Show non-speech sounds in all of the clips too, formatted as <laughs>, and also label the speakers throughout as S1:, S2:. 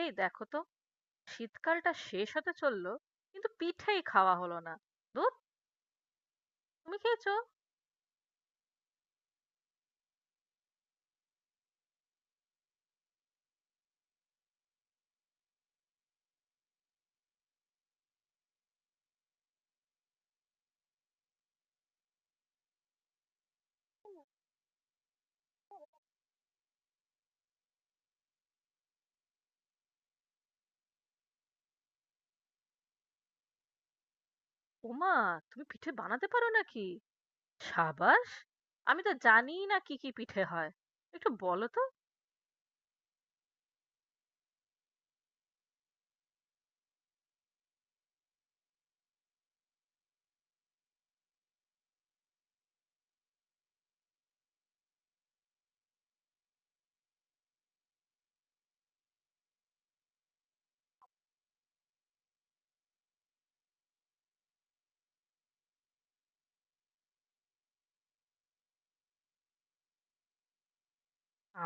S1: এই দেখো তো। শীতকালটা শেষ হতে চললো, কিন্তু পিঠেই খাওয়া হলো না। ধুর! তুমি খেয়েছো? ওমা, তুমি পিঠে বানাতে পারো নাকি? সাবাস! আমি তো জানিই না কি কি পিঠে হয়, একটু বলো তো।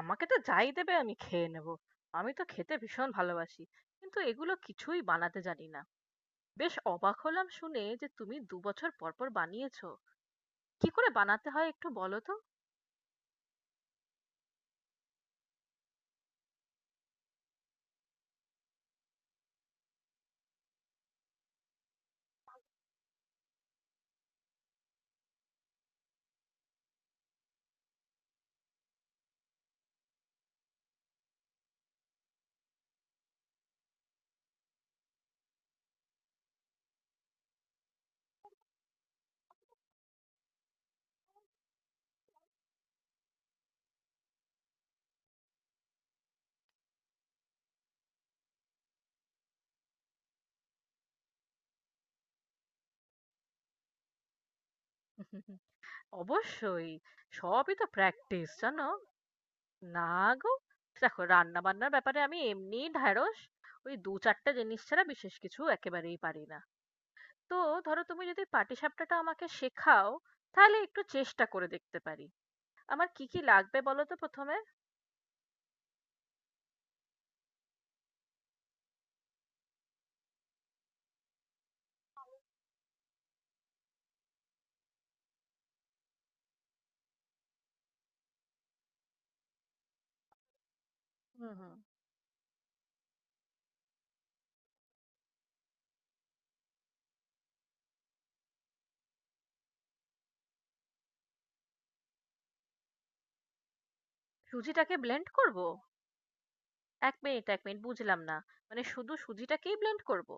S1: আমাকে তো যাই দেবে, আমি খেয়ে নেবো। আমি তো খেতে ভীষণ ভালোবাসি, কিন্তু এগুলো কিছুই বানাতে জানি না। বেশ অবাক হলাম শুনে যে তুমি দু বছর পর পর বানিয়েছো। কি করে বানাতে হয় একটু বলো তো। <laughs> অবশ্যই। সবই তো প্র্যাকটিস, জানো। না গো, দেখো রান্না বান্নার ব্যাপারে আমি এমনিই ঢ্যাঁড়স। ওই দু চারটে জিনিস ছাড়া বিশেষ কিছু একেবারেই পারি না। তো ধরো, তুমি যদি পাটিসাপটাটা আমাকে শেখাও, তাহলে একটু চেষ্টা করে দেখতে পারি। আমার কি কি লাগবে বলো তো প্রথমে। হুম, হুম। সুজিটাকে ব্লেন্ড করব? এক মিনিট, এক মিনিট, বুঝলাম না। মানে শুধু সুজিটাকেই ব্লেন্ড করব?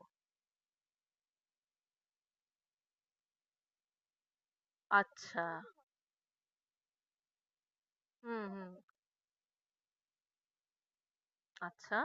S1: আচ্ছা। হুম, হুম। আচ্ছা,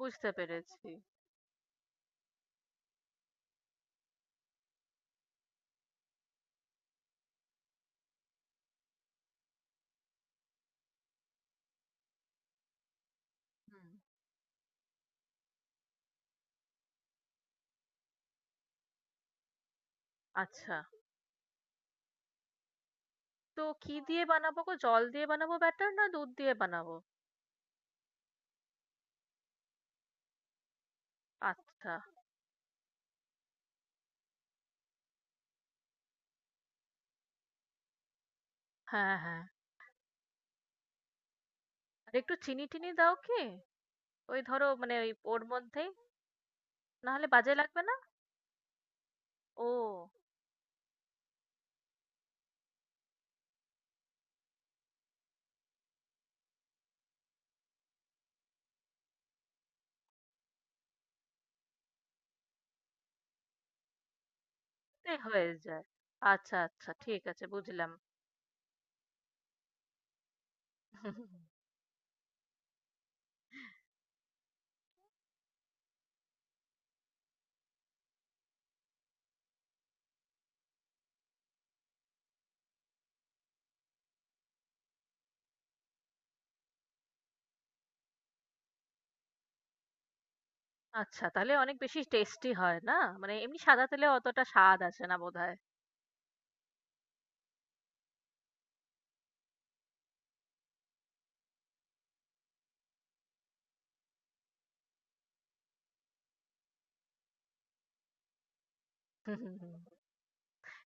S1: বুঝতে পেরেছি। হুম। আচ্ছা। তো কি দিয়ে বানাবো গো? জল দিয়ে বানাবো ব্যাটার, না দুধ দিয়ে বানাবো? আচ্ছা। হ্যাঁ, হ্যাঁ। আর একটু চিনি-টিনি দাও কি? ওই ধরো মানে ওই ওর মধ্যেই? নাহলে বাজে লাগবে না? ও, এ হয়ে যায়। আচ্ছা, আচ্ছা, ঠিক আছে, বুঝলাম। আচ্ছা, তাহলে অনেক বেশি টেস্টি হয় না? মানে এমনি সাদা তেলে অতটা স্বাদ আসে না বোধহয়।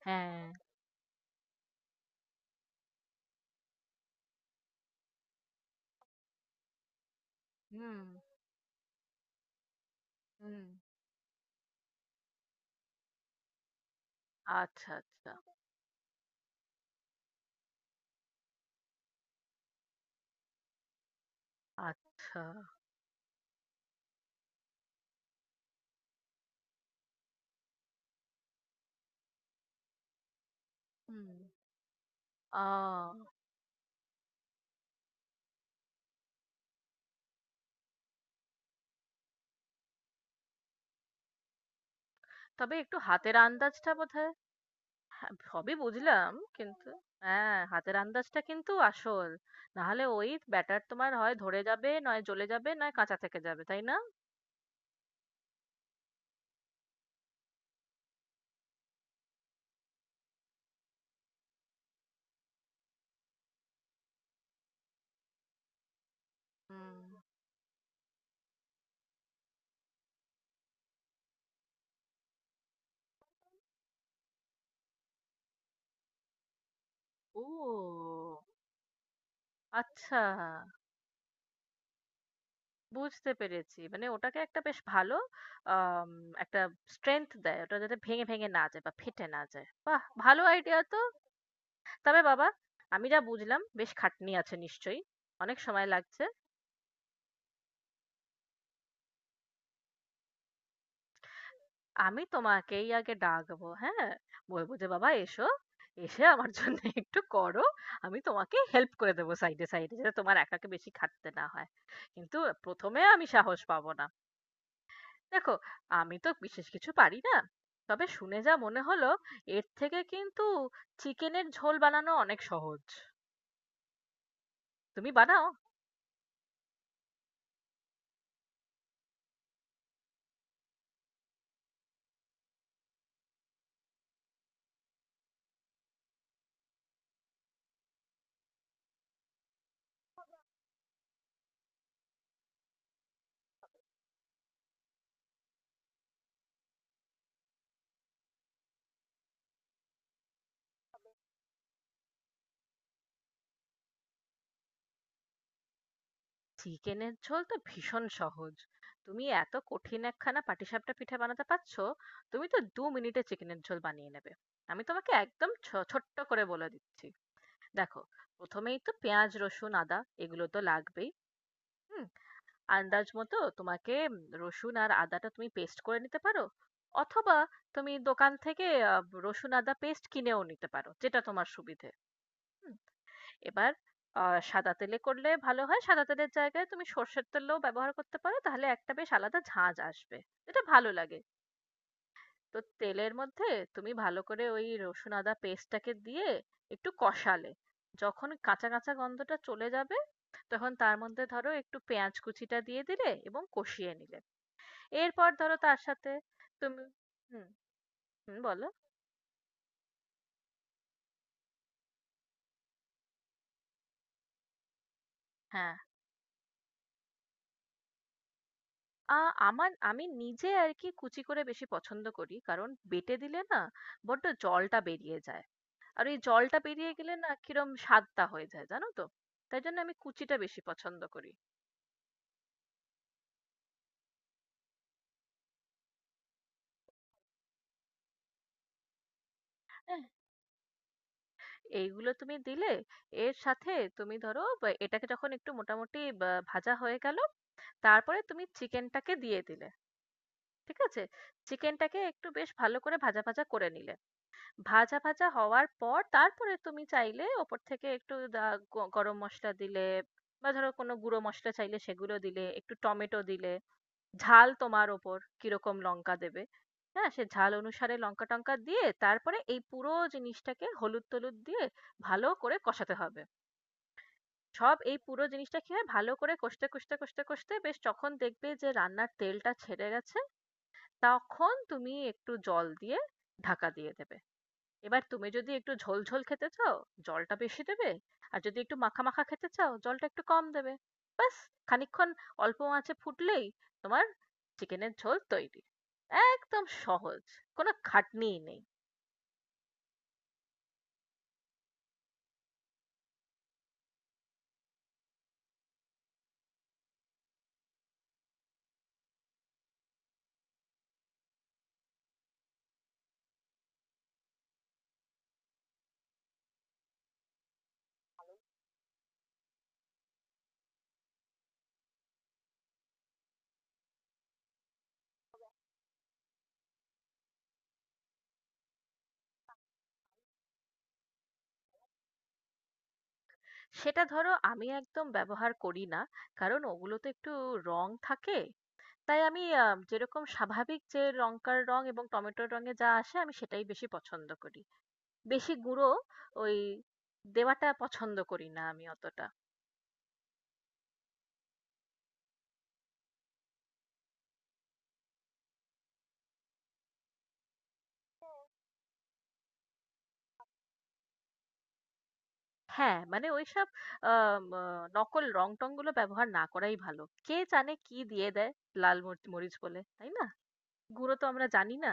S1: হ্যাঁ। হুম, হুম। আচ্ছা, আচ্ছা। আচ্ছা। হুম। আ তবে একটু হাতের আন্দাজটা বোধহয়... আমি সবই বুঝলাম, কিন্তু, হ্যাঁ, হাতের আন্দাজটা কিন্তু আসল। নাহলে ওই ব্যাটার তোমার হয় ধরে যাবে, নয় জ্বলে যাবে, নয় কাঁচা থেকে যাবে, তাই না? হুম। ও, আচ্ছা, বুঝতে পেরেছি, মানে ওটাকে একটা বেশ ভালো আম, একটা স্ট্রেংথ দেয়, ওটা যাতে ভেঙে ভেঙে না যায় বা ফেটে না যায়। বাহ, ভালো আইডিয়া তো। তবে বাবা, আমি যা বুঝলাম বেশ খাটনি আছে নিশ্চয়ই, অনেক সময় লাগছে। আমি তোমাকেই আগে ডাকবো, হ্যাঁ। বলবো যে বাবা এসো, এসে আমার <laughs> জন্য একটু করো। আমি তোমাকে হেল্প করে দেবো সাইডে সাইডে, যাতে তোমার একাকে বেশি খাটতে না হয়। কিন্তু প্রথমে আমি সাহস পাবো না। দেখো, আমি তো বিশেষ কিছু পারি না। তবে শুনে যা মনে হলো, এর থেকে কিন্তু চিকেনের ঝোল বানানো অনেক সহজ। তুমি বানাও। চিকেনের ঝোল তো ভীষণ সহজ। তুমি এত কঠিন একখানা পাটিসাপটা পিঠে বানাতে পারছো, তুমি তো দু মিনিটে চিকেনের ঝোল বানিয়ে নেবে। আমি তোমাকে একদম ছোট্ট করে বলে দিচ্ছি। দেখো, প্রথমেই তো পেঁয়াজ, রসুন, আদা এগুলো তো লাগবেই। হুম। আন্দাজ মতো তোমাকে, রসুন আর আদাটা তুমি পেস্ট করে নিতে পারো। অথবা তুমি দোকান থেকে রসুন আদা পেস্ট কিনেও নিতে পারো, যেটা তোমার সুবিধে। হুম। এবার সাদা তেলে করলে ভালো হয়। সাদা তেলের জায়গায় তুমি সর্ষের তেলও ব্যবহার করতে পারো, তাহলে একটা বেশ আলাদা ঝাঁঝ আসবে। এটা ভালো লাগে। তো তেলের মধ্যে তুমি ভালো করে ওই রসুন আদা পেস্টটাকে দিয়ে একটু কষালে, যখন কাঁচা কাঁচা গন্ধটা চলে যাবে, তখন তার মধ্যে ধরো একটু পেঁয়াজ কুচিটা দিয়ে দিলে এবং কষিয়ে নিলে। এরপর ধরো তার সাথে তুমি... হুম, হুম, বলো। হ্যাঁ, আ আমি নিজে আরকি কুচি করে বেশি পছন্দ করি। কারণ বেটে দিলে না, বড্ড জলটা বেরিয়ে যায়। আর ওই জলটা বেরিয়ে গেলে না, কিরম স্বাদটা হয়ে যায় জানো তো? তাই জন্য আমি কুচিটা বেশি পছন্দ করি। হ্যাঁ? এইগুলো তুমি দিলে, এর সাথে তুমি ধরো বা এটাকে যখন একটু মোটামুটি বা ভাজা হয়ে গেল, তারপরে তুমি চিকেনটাকে দিয়ে দিলে। ঠিক আছে? চিকেনটাকে একটু বেশ ভালো করে ভাজা ভাজা করে নিলে। ভাজা ভাজা হওয়ার পর তারপরে তুমি চাইলে ওপর থেকে একটু গরম মশলা দিলে, বা ধরো কোনো গুঁড়ো মশলা চাইলে সেগুলো দিলে, একটু টমেটো দিলে। ঝাল তোমার ওপর, কিরকম লঙ্কা দেবে। হ্যাঁ, সে ঝাল অনুসারে লঙ্কা টঙ্কা দিয়ে, তারপরে এই পুরো জিনিসটাকে হলুদ টলুদ দিয়ে ভালো করে কষাতে হবে। সব এই পুরো জিনিসটা কি হয়, ভালো করে কষতে কষতে কষতে কষতে, বেশ যখন দেখবে যে রান্নার তেলটা ছেড়ে গেছে, তখন তুমি একটু জল দিয়ে ঢাকা দিয়ে দেবে। এবার তুমি যদি একটু ঝোল ঝোল খেতে চাও, জলটা বেশি দেবে, আর যদি একটু মাখা মাখা খেতে চাও, জলটা একটু কম দেবে। ব্যাস, খানিকক্ষণ অল্প আঁচে ফুটলেই তোমার চিকেনের ঝোল তৈরি। একদম সহজ, কোনো খাটনিই নেই। সেটা ধরো আমি একদম ব্যবহার করি না, কারণ ওগুলোতে একটু রং থাকে। তাই আমি, যেরকম স্বাভাবিক, যে লঙ্কার রং এবং টমেটোর রঙে যা আসে, আমি সেটাই বেশি পছন্দ করি। বেশি গুঁড়ো, ওই দেওয়াটা পছন্দ করি না আমি অতটা। হ্যাঁ, মানে ঐসব আম আ নকল রং-টং গুলো ব্যবহার না করাই ভালো। কে জানে কি দিয়ে দেয়, লাল মরিচ বলে, তাই না? গুঁড়ো তো আমরা জানি না।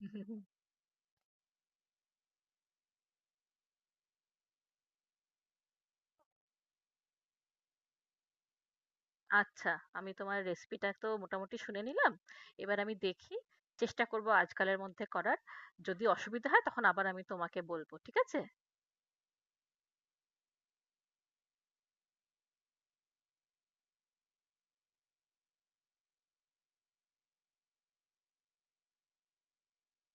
S1: <laughs> আচ্ছা, আমি তোমার রেসিপিটা তো মোটামুটি শুনে নিলাম। এবার আমি দেখি, চেষ্টা করব আজকালের মধ্যে করার। যদি অসুবিধা হয় তখন আবার আমি তোমাকে বলব। ঠিক আছে?